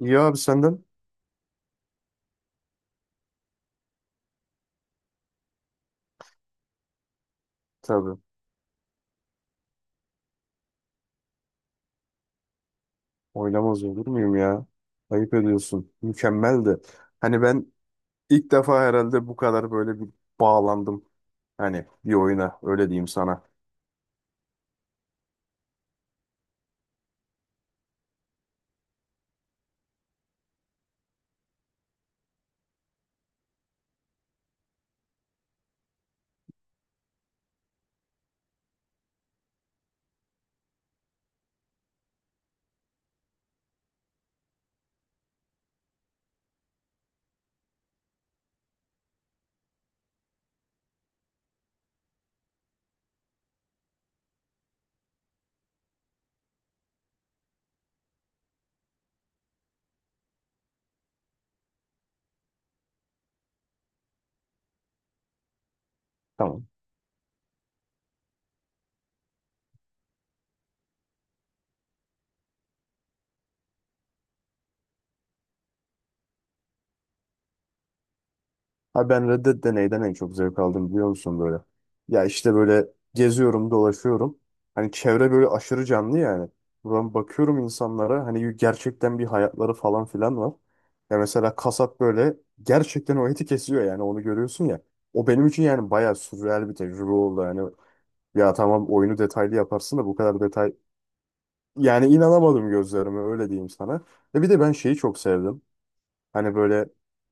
İyi abi senden. Tabii. Oynamaz olur muyum ya? Ayıp ediyorsun. Mükemmeldi. Hani ben ilk defa herhalde bu kadar böyle bir bağlandım. Hani bir oyuna öyle diyeyim sana. Tamam. Abi ben Red Dead de en çok zevk aldım biliyor musun böyle? Ya işte böyle geziyorum, dolaşıyorum. Hani çevre böyle aşırı canlı yani. Buradan bakıyorum insanlara hani gerçekten bir hayatları falan filan var. Ya mesela kasap böyle gerçekten o eti kesiyor yani onu görüyorsun ya. O benim için yani bayağı sürreal bir tecrübe oldu. Yani ya tamam oyunu detaylı yaparsın da bu kadar detay... Yani inanamadım gözlerime öyle diyeyim sana. Ve bir de ben şeyi çok sevdim. Hani böyle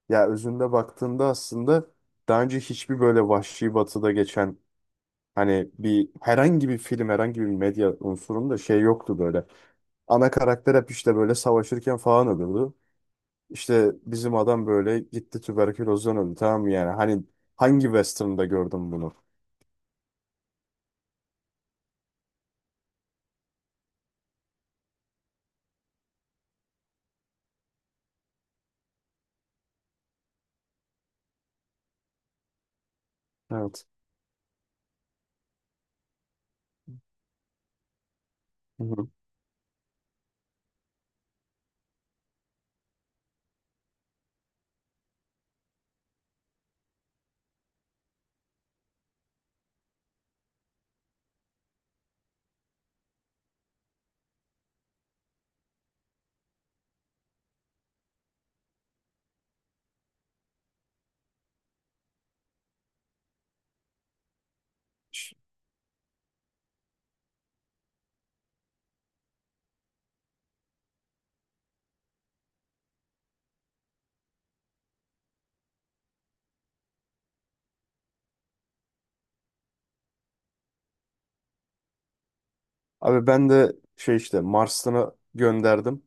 ya özünde baktığında aslında daha önce hiçbir böyle Vahşi Batı'da geçen hani bir herhangi bir film herhangi bir medya unsurunda şey yoktu böyle. Ana karakter hep işte böyle savaşırken falan ölüyordu. İşte bizim adam böyle gitti tüberkülozdan öldü tamam mı yani hani hangi western'da gördüm bunu? Evet. Hı hı. Abi ben de şey işte Mars'ını gönderdim.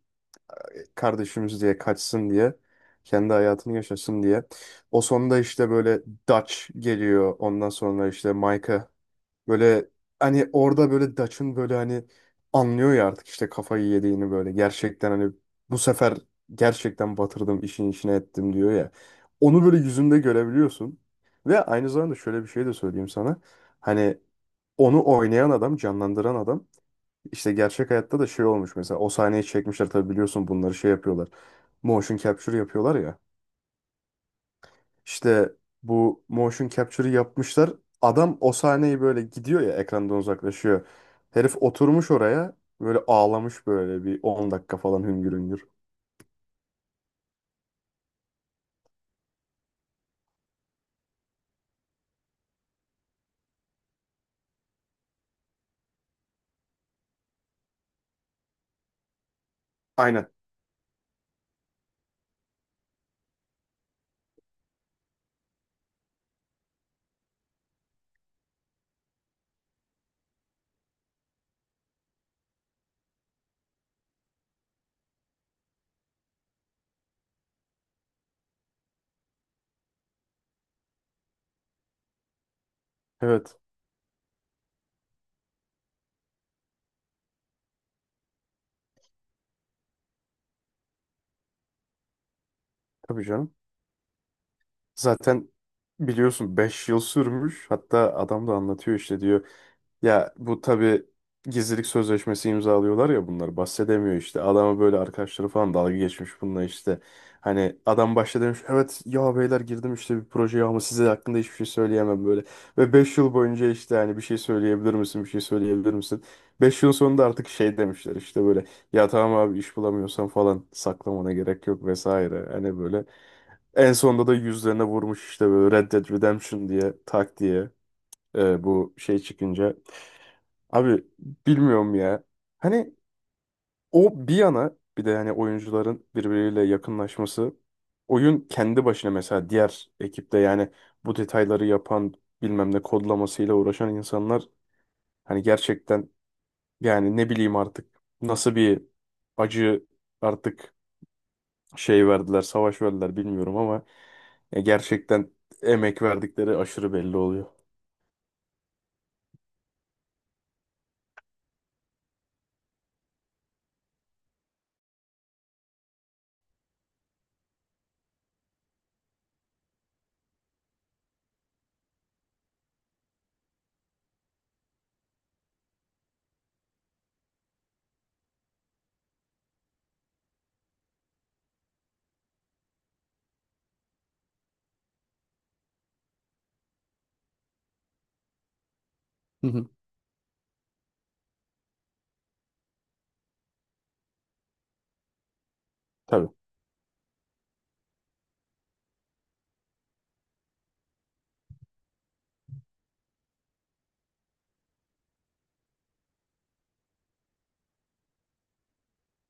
Kardeşimiz diye kaçsın diye kendi hayatını yaşasın diye. O sonunda işte böyle Dutch geliyor. Ondan sonra işte Micah böyle hani orada böyle Dutch'ın böyle hani anlıyor ya artık işte kafayı yediğini böyle gerçekten hani bu sefer gerçekten batırdım işin içine ettim diyor ya. Onu böyle yüzünde görebiliyorsun. Ve aynı zamanda şöyle bir şey de söyleyeyim sana. Hani onu oynayan adam, canlandıran adam işte gerçek hayatta da şey olmuş mesela o sahneyi çekmişler tabii biliyorsun bunları şey yapıyorlar. Motion capture yapıyorlar ya. İşte bu motion capture'ı yapmışlar. Adam o sahneyi böyle gidiyor ya ekrandan uzaklaşıyor. Herif oturmuş oraya böyle ağlamış böyle bir 10 dakika falan hüngür hüngür. Aynen. Evet. Tabii canım. Zaten biliyorsun 5 yıl sürmüş. Hatta adam da anlatıyor işte diyor. Ya bu tabii gizlilik sözleşmesi imzalıyorlar ya bunlar bahsedemiyor işte. Adama böyle arkadaşları falan dalga geçmiş bununla işte. Hani adam başta demiş evet ya beyler girdim işte bir projeye ama size hakkında hiçbir şey söyleyemem böyle. Ve 5 yıl boyunca işte hani bir şey söyleyebilir misin bir şey söyleyebilir misin? 5 yıl sonunda artık şey demişler işte böyle ya tamam abi iş bulamıyorsan falan saklamana gerek yok vesaire. Hani böyle en sonunda da yüzlerine vurmuş işte böyle Red Dead Redemption diye tak diye. Bu şey çıkınca. Abi bilmiyorum ya. Hani o bir yana bir de hani oyuncuların birbiriyle yakınlaşması. Oyun kendi başına mesela diğer ekipte yani bu detayları yapan bilmem ne kodlamasıyla uğraşan insanlar hani gerçekten yani ne bileyim artık nasıl bir acı artık şey verdiler savaş verdiler bilmiyorum ama ya gerçekten emek verdikleri aşırı belli oluyor. Hı hı. Tabii.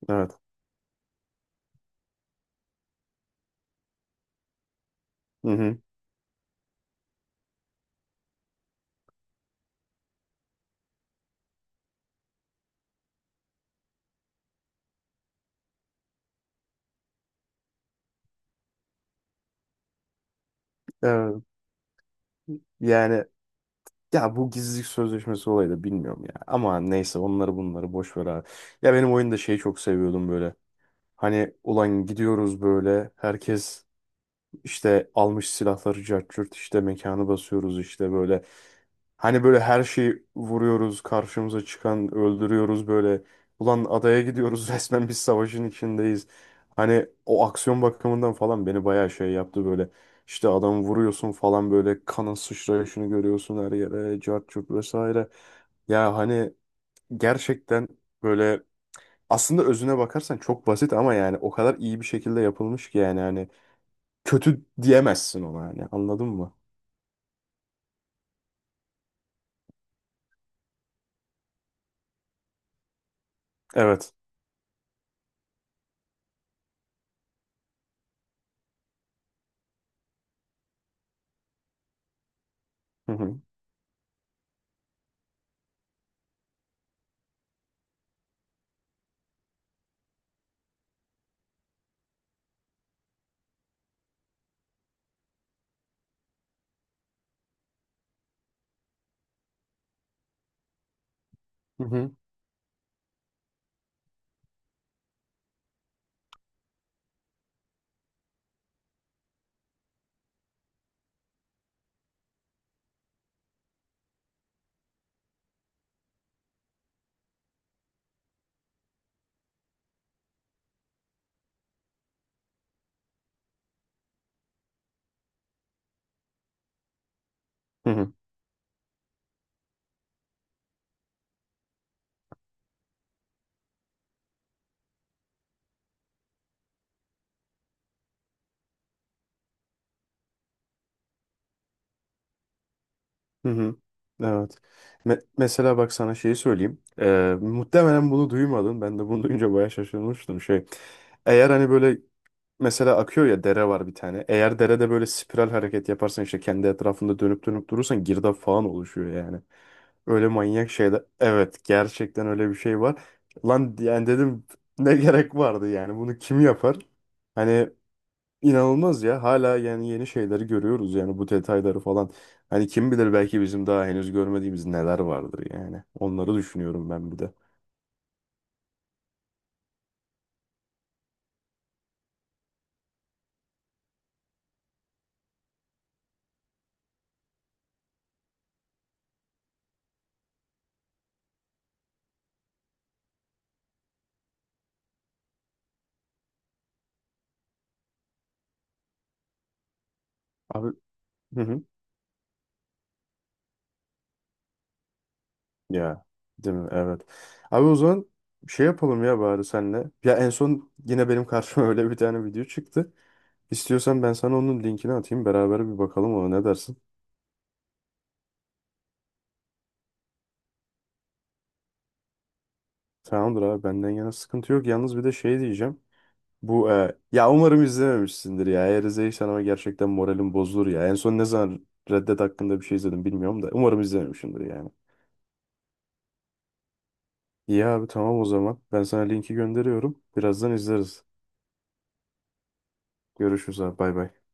Evet. Hı hı. Evet. Yani ya bu gizlilik sözleşmesi olayı da bilmiyorum ya. Ama neyse onları bunları boş ver abi. Ya benim oyunda şeyi çok seviyordum böyle. Hani ulan gidiyoruz böyle herkes işte almış silahları cart curt, işte mekanı basıyoruz işte böyle. Hani böyle her şeyi vuruyoruz karşımıza çıkan öldürüyoruz böyle. Ulan adaya gidiyoruz resmen biz savaşın içindeyiz. Hani o aksiyon bakımından falan beni bayağı şey yaptı böyle. İşte adamı vuruyorsun falan böyle kanın sıçrayışını görüyorsun her yere cart curt vesaire. Ya hani gerçekten böyle aslında özüne bakarsan çok basit ama yani o kadar iyi bir şekilde yapılmış ki yani hani kötü diyemezsin ona yani anladın mı? Evet. Hı hı. Hı hı. Hı hı. Hı hı. Evet. Mesela bak sana şeyi söyleyeyim. Muhtemelen bunu duymadın. Ben de bunu duyunca bayağı şaşırmıştım şey. Eğer hani böyle mesela akıyor ya dere var bir tane. Eğer derede böyle spiral hareket yaparsan işte kendi etrafında dönüp dönüp durursan girdap falan oluşuyor yani. Öyle manyak şeyler. Evet gerçekten öyle bir şey var. Lan yani dedim ne gerek vardı yani bunu kim yapar? Hani İnanılmaz ya. Hala yani yeni şeyleri görüyoruz yani bu detayları falan. Hani kim bilir belki bizim daha henüz görmediğimiz neler vardır yani. Onları düşünüyorum ben bir de. Abi, hı hı. Ya değil mi? Evet. Abi o zaman şey yapalım ya bari senle. Ya en son yine benim karşıma öyle bir tane video çıktı. İstiyorsan ben sana onun linkini atayım. Beraber bir bakalım ona ne dersin? Tamamdır abi benden yana sıkıntı yok. Yalnız bir de şey diyeceğim. Bu ya umarım izlememişsindir ya. Eğer izleyirsen ama gerçekten moralim bozulur ya. En son ne zaman Red hakkında bir şey izledim bilmiyorum da. Umarım izlememişsindir yani. İyi abi tamam o zaman. Ben sana linki gönderiyorum. Birazdan izleriz. Görüşürüz abi bay bay.